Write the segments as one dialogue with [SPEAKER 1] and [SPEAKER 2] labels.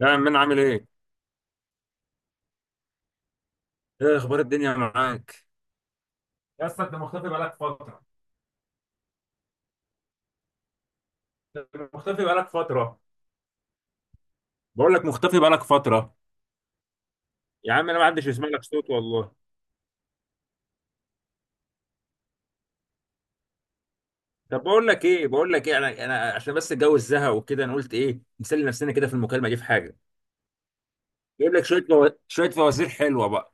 [SPEAKER 1] يا عم انا عامل ايه؟ ايه اخبار الدنيا معاك؟ يا اسطى انت مختفي بقالك فترة. انت مختفي بقالك فترة. بقول لك مختفي بقالك فترة. يا عم انا ما حدش يسمع لك صوت والله. طب بقول لك ايه انا عشان بس الجو الزهق وكده، انا قلت ايه نسلي نفسنا كده في المكالمة دي في حاجة. جايب لك شوية فوازير حلوة بقى.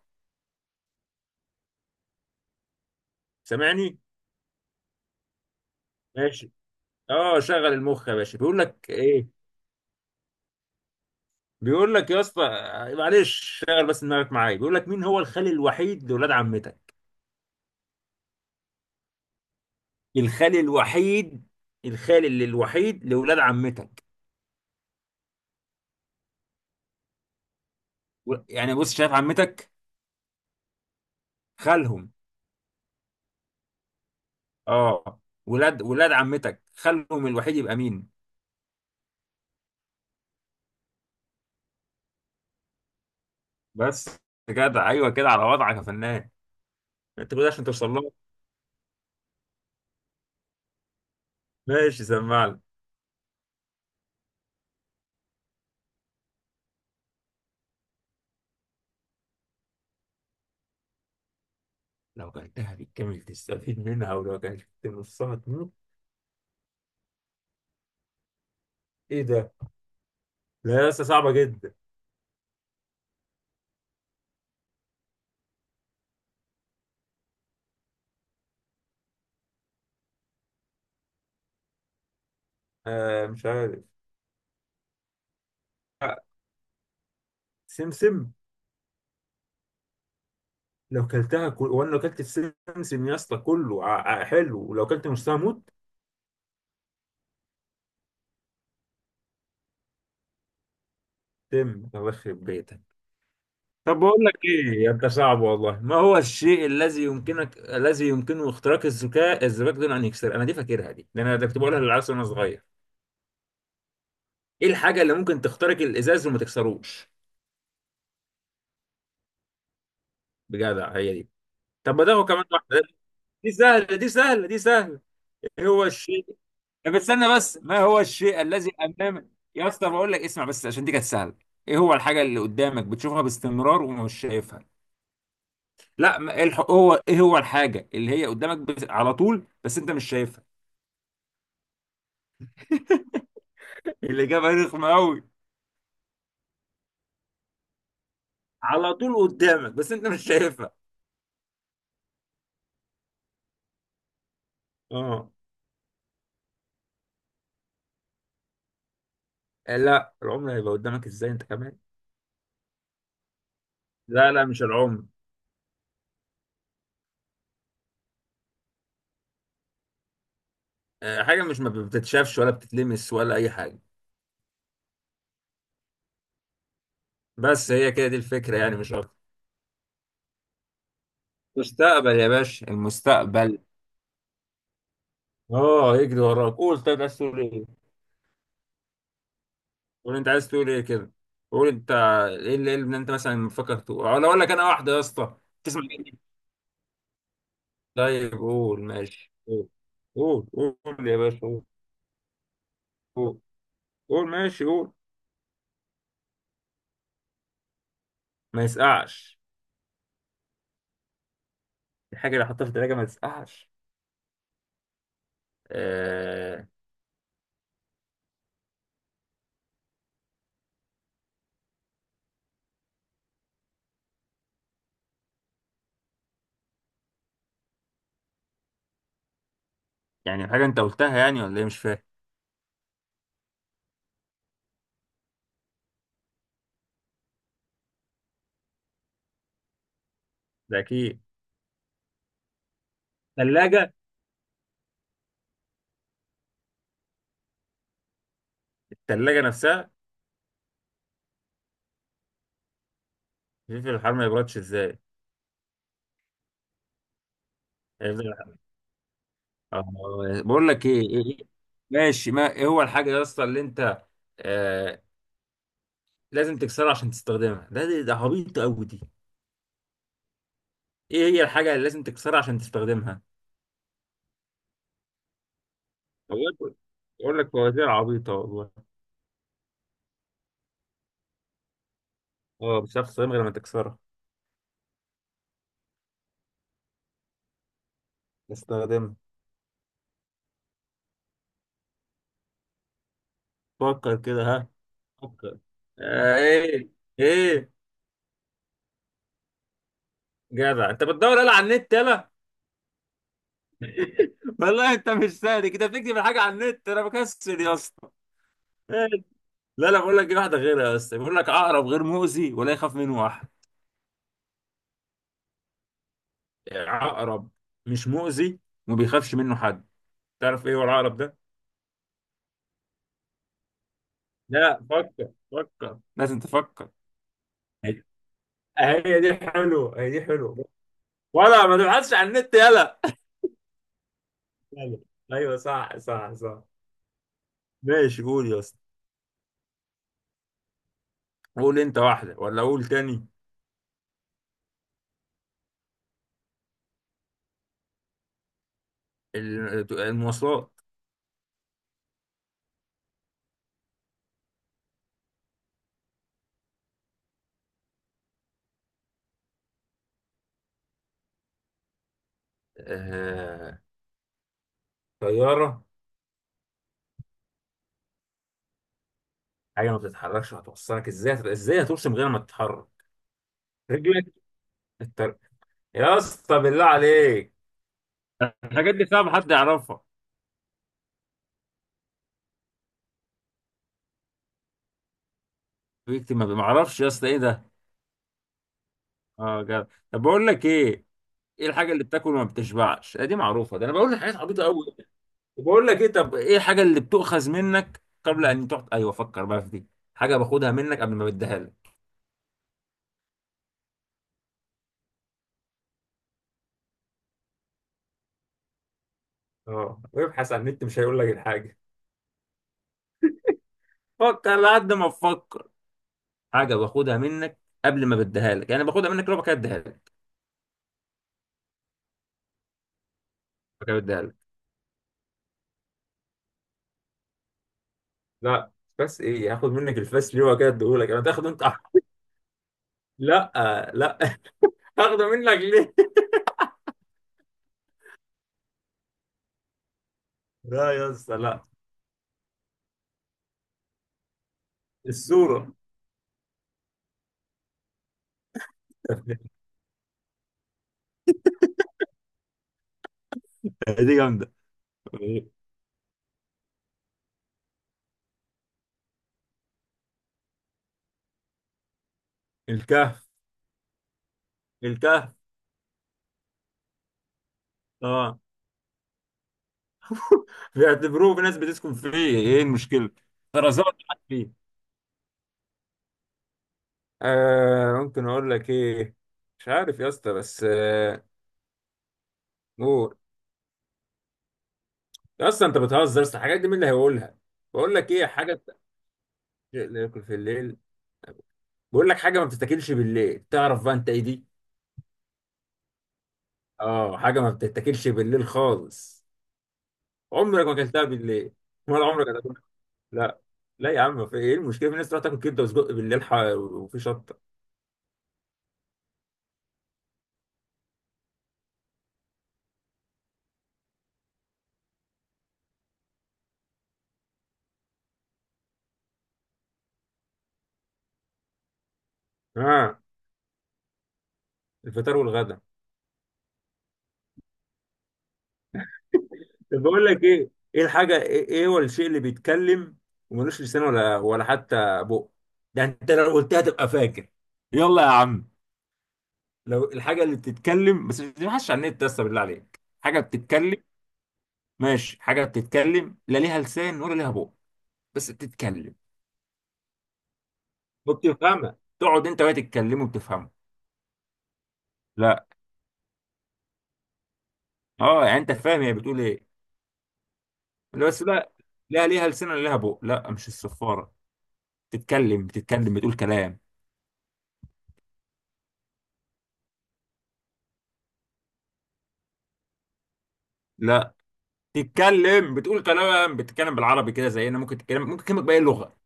[SPEAKER 1] سامعني؟ ماشي. اه شغل المخ يا باشا، بيقول لك ايه؟ بيقول لك يا اسطى، معلش شغل بس دماغك معايا. بيقول لك مين هو الخال الوحيد لولاد عمتك؟ الخال الوحيد. الخال اللي الوحيد لولاد عمتك. يعني بص شايف عمتك، خالهم. اه. ولاد عمتك خالهم الوحيد يبقى مين. بس، جدع، ايوه كده على وضعك يا فنان. انت كده عشان توصل لها. ماشي، سمعني. لو كلتها بالكامل تستفيد منها، ولو كلت نصها تموت. ايه ده؟ لا، لسه صعبة جدا. آه، مش عارف. آه، سمسم. وانا لو كلت السمسم يا اسطى كله حلو، ولو كلت نصها موت. تم، الله يخرب بيتك. طب بقول لك ايه، يا انت صعب والله. ما هو الشيء الذي يمكنك الذي يمكنه اختراق الذكاء الزجاج دون ان يكسر. انا دي فاكرها دي لان انا ده كنت بقولها للعيال وانا صغير. ايه الحاجه اللي ممكن تخترق الازاز وما تكسروش. بجدع، هي دي. طب ما ده هو كمان واحده. دي سهله، دي سهله، دي سهله. ايه هو الشيء؟ طب استنى بس، ما هو الشيء الذي امامك. يا اسطى بقول لك اسمع بس، عشان دي كانت سهله. ايه هو الحاجه اللي قدامك بتشوفها باستمرار ومش شايفها. لا، إيه هو ايه هو الحاجه اللي هي قدامك على طول بس انت مش شايفها. الاجابه رخمه قوي. على طول قدامك بس انت مش شايفها. اه. لا، العمر هيبقى قدامك ازاي انت كمان. لا لا، مش العمر. آه، حاجه مش ما بتتشافش ولا بتتلمس ولا اي حاجه. بس هي كده دي الفكره يعني مش اكتر. مستقبل يا باشا، المستقبل. اه، يجري وراك. قول طيب، عايز تقول ايه. قول انت عايز تقول ايه كده. قول انت. ايه اللي، إيه اللي انت مثلا مفكر تقول، أو لو اقول لك انا واحده يا اسطى؟ تسمع. طيب قول، ماشي قول. قول، قول يا باشا، قول. قول، قول، ماشي قول. ما يسقعش. الحاجة اللي حطها في التلاجة ما تسقعش. آه. يعني حاجة أنت قلتها يعني، ولا إيه، مش فاهم. ده أكيد. التلاجة. التلاجة نفسها. الفلفل الحار ما يبردش إزاي؟ هيفضل- آه. بقول لك إيه، إيه؟ ماشي، ما إيه هو الحاجة يا اسطى اللي أنت. آه، لازم تكسرها عشان تستخدمها. ده عبيط أوي دي. إيه هي الحاجة اللي لازم تكسرها عشان تستخدمها؟ والله بقول لك فوازير عبيطة والله. اه، مش هتعرف تستخدمها غير لما تكسرها. استخدمها. فكر كده، ها. فكر. آه ايه، ايه. جدع انت، بتدور يلا على النت، يلا. والله انت مش سهل كده، بتكتب الحاجه على النت، انا بكسل يا اسطى. لا لا، بقول لك دي واحده غيرها يا اسطى. بيقول لك عقرب غير مؤذي ولا يخاف منه واحد. عقرب مش مؤذي، وما بيخافش منه حد. تعرف ايه هو العقرب ده. لا، فكر فكر لازم تفكر. هي هي دي حلوه، هي دي حلوه. ولا ما تبحثش عن النت، يلا. ايوه. أيوة، صح صح صح. ماشي، قول يا اسطى. قول انت واحدة، ولا اقول تاني. المواصلات. آه، طيارة. حاجة ما بتتحركش هتوصلك ازاي، ازاي هترسم غير ما تتحرك. رجلك. التر... يا اسطى بالله عليك، الحاجات دي صعب حد يعرفها. بيكتب ما بيعرفش يا اسطى، ايه ده. اه جد. طب بقول لك ايه، ايه الحاجة اللي بتاكل وما بتشبعش. آه، دي معروفة، ده انا بقول لك حاجات عبيطة قوي. بقول لك ايه، طب ايه الحاجه اللي بتؤخذ منك قبل ان تحط. ايوه، فكر بقى في دي. حاجه باخدها منك قبل ما بديها لك. اه، وابحث عن النت مش هيقول لك الحاجه. فكر لحد ما تفكر. حاجه باخدها منك قبل ما بديها لك، يعني باخدها منك لو كده اديها لك. بعد كده بديها لك. لا. بس ايه هاخد منك الفاس ليه، وكده اديهولك انا تاخده انت. لا، لا. هاخده منك ليه. لا يا اسطى، لا. الصوره. دي جامده. الكهف. الكهف. اه. بيعتبروه في ناس بتسكن فيه. ايه المشكله. طرزات حد فيه. آه، ممكن اقول لك ايه. مش عارف يا اسطى، بس آه. قول. يا اسطى انت بتهزر، يا اسطى الحاجات دي مين اللي هيقولها. بقول لك ايه، شيء لا ياكل في الليل. بقول لك حاجه ما بتتاكلش بالليل، تعرف بقى انت ايه دي. اه، حاجه ما بتتاكلش بالليل خالص. عمرك ما اكلتها بالليل، ولا عمرك هتاكلها. لا. لا يا عم، في ايه المشكله، في ناس تروح تاكل كبده وسجق بالليل، وفي شطه. اه، الفطار والغدا. طب بقول لك ايه، ايه الحاجه، ايه، إيه هو الشيء اللي بيتكلم وملوش لسان ولا حتى بق. ده انت لو قلتها تبقى فاكر. يلا يا عم. لو الحاجه اللي بتتكلم، بس ما تبحثش عن النت، بس بالله عليك، حاجه بتتكلم. ماشي، حاجه بتتكلم لا ليها لسان ولا ليها بق، بس بتتكلم. وبتفهمها، تقعد انت وهي تتكلم وبتفهمه. لا. اه يعني انت فاهم هي بتقول ايه. لا بس لا. لا ليها لسان ولا ليها بق، لا مش الصفاره. بتتكلم بتقول كلام. لا. تتكلم بتقول كلام، بتتكلم بالعربي كده زينا، ممكن تتكلم، ممكن تكلمك بأي لغة.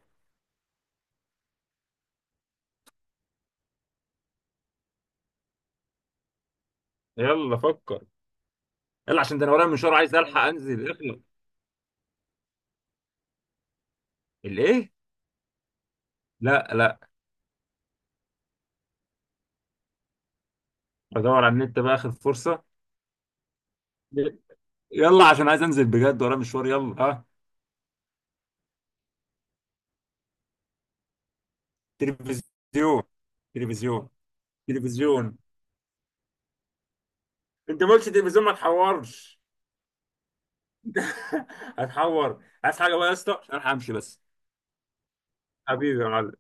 [SPEAKER 1] يلا فكر. يلا عشان ده انا ورايا مشوار، عايز الحق انزل اخلص. الايه. لا لا. بدور على النت بقى، اخر فرصة. يلا عشان عايز انزل بجد، ورايا مشوار، يلا ها. تلفزيون. تلفزيون. تلفزيون. انت ما قلتش تلفزيون، ما تحورش. هتحور، عايز حاجة بقى يا اسطى عشان أنا همشي بس. حبيبي يا معلم.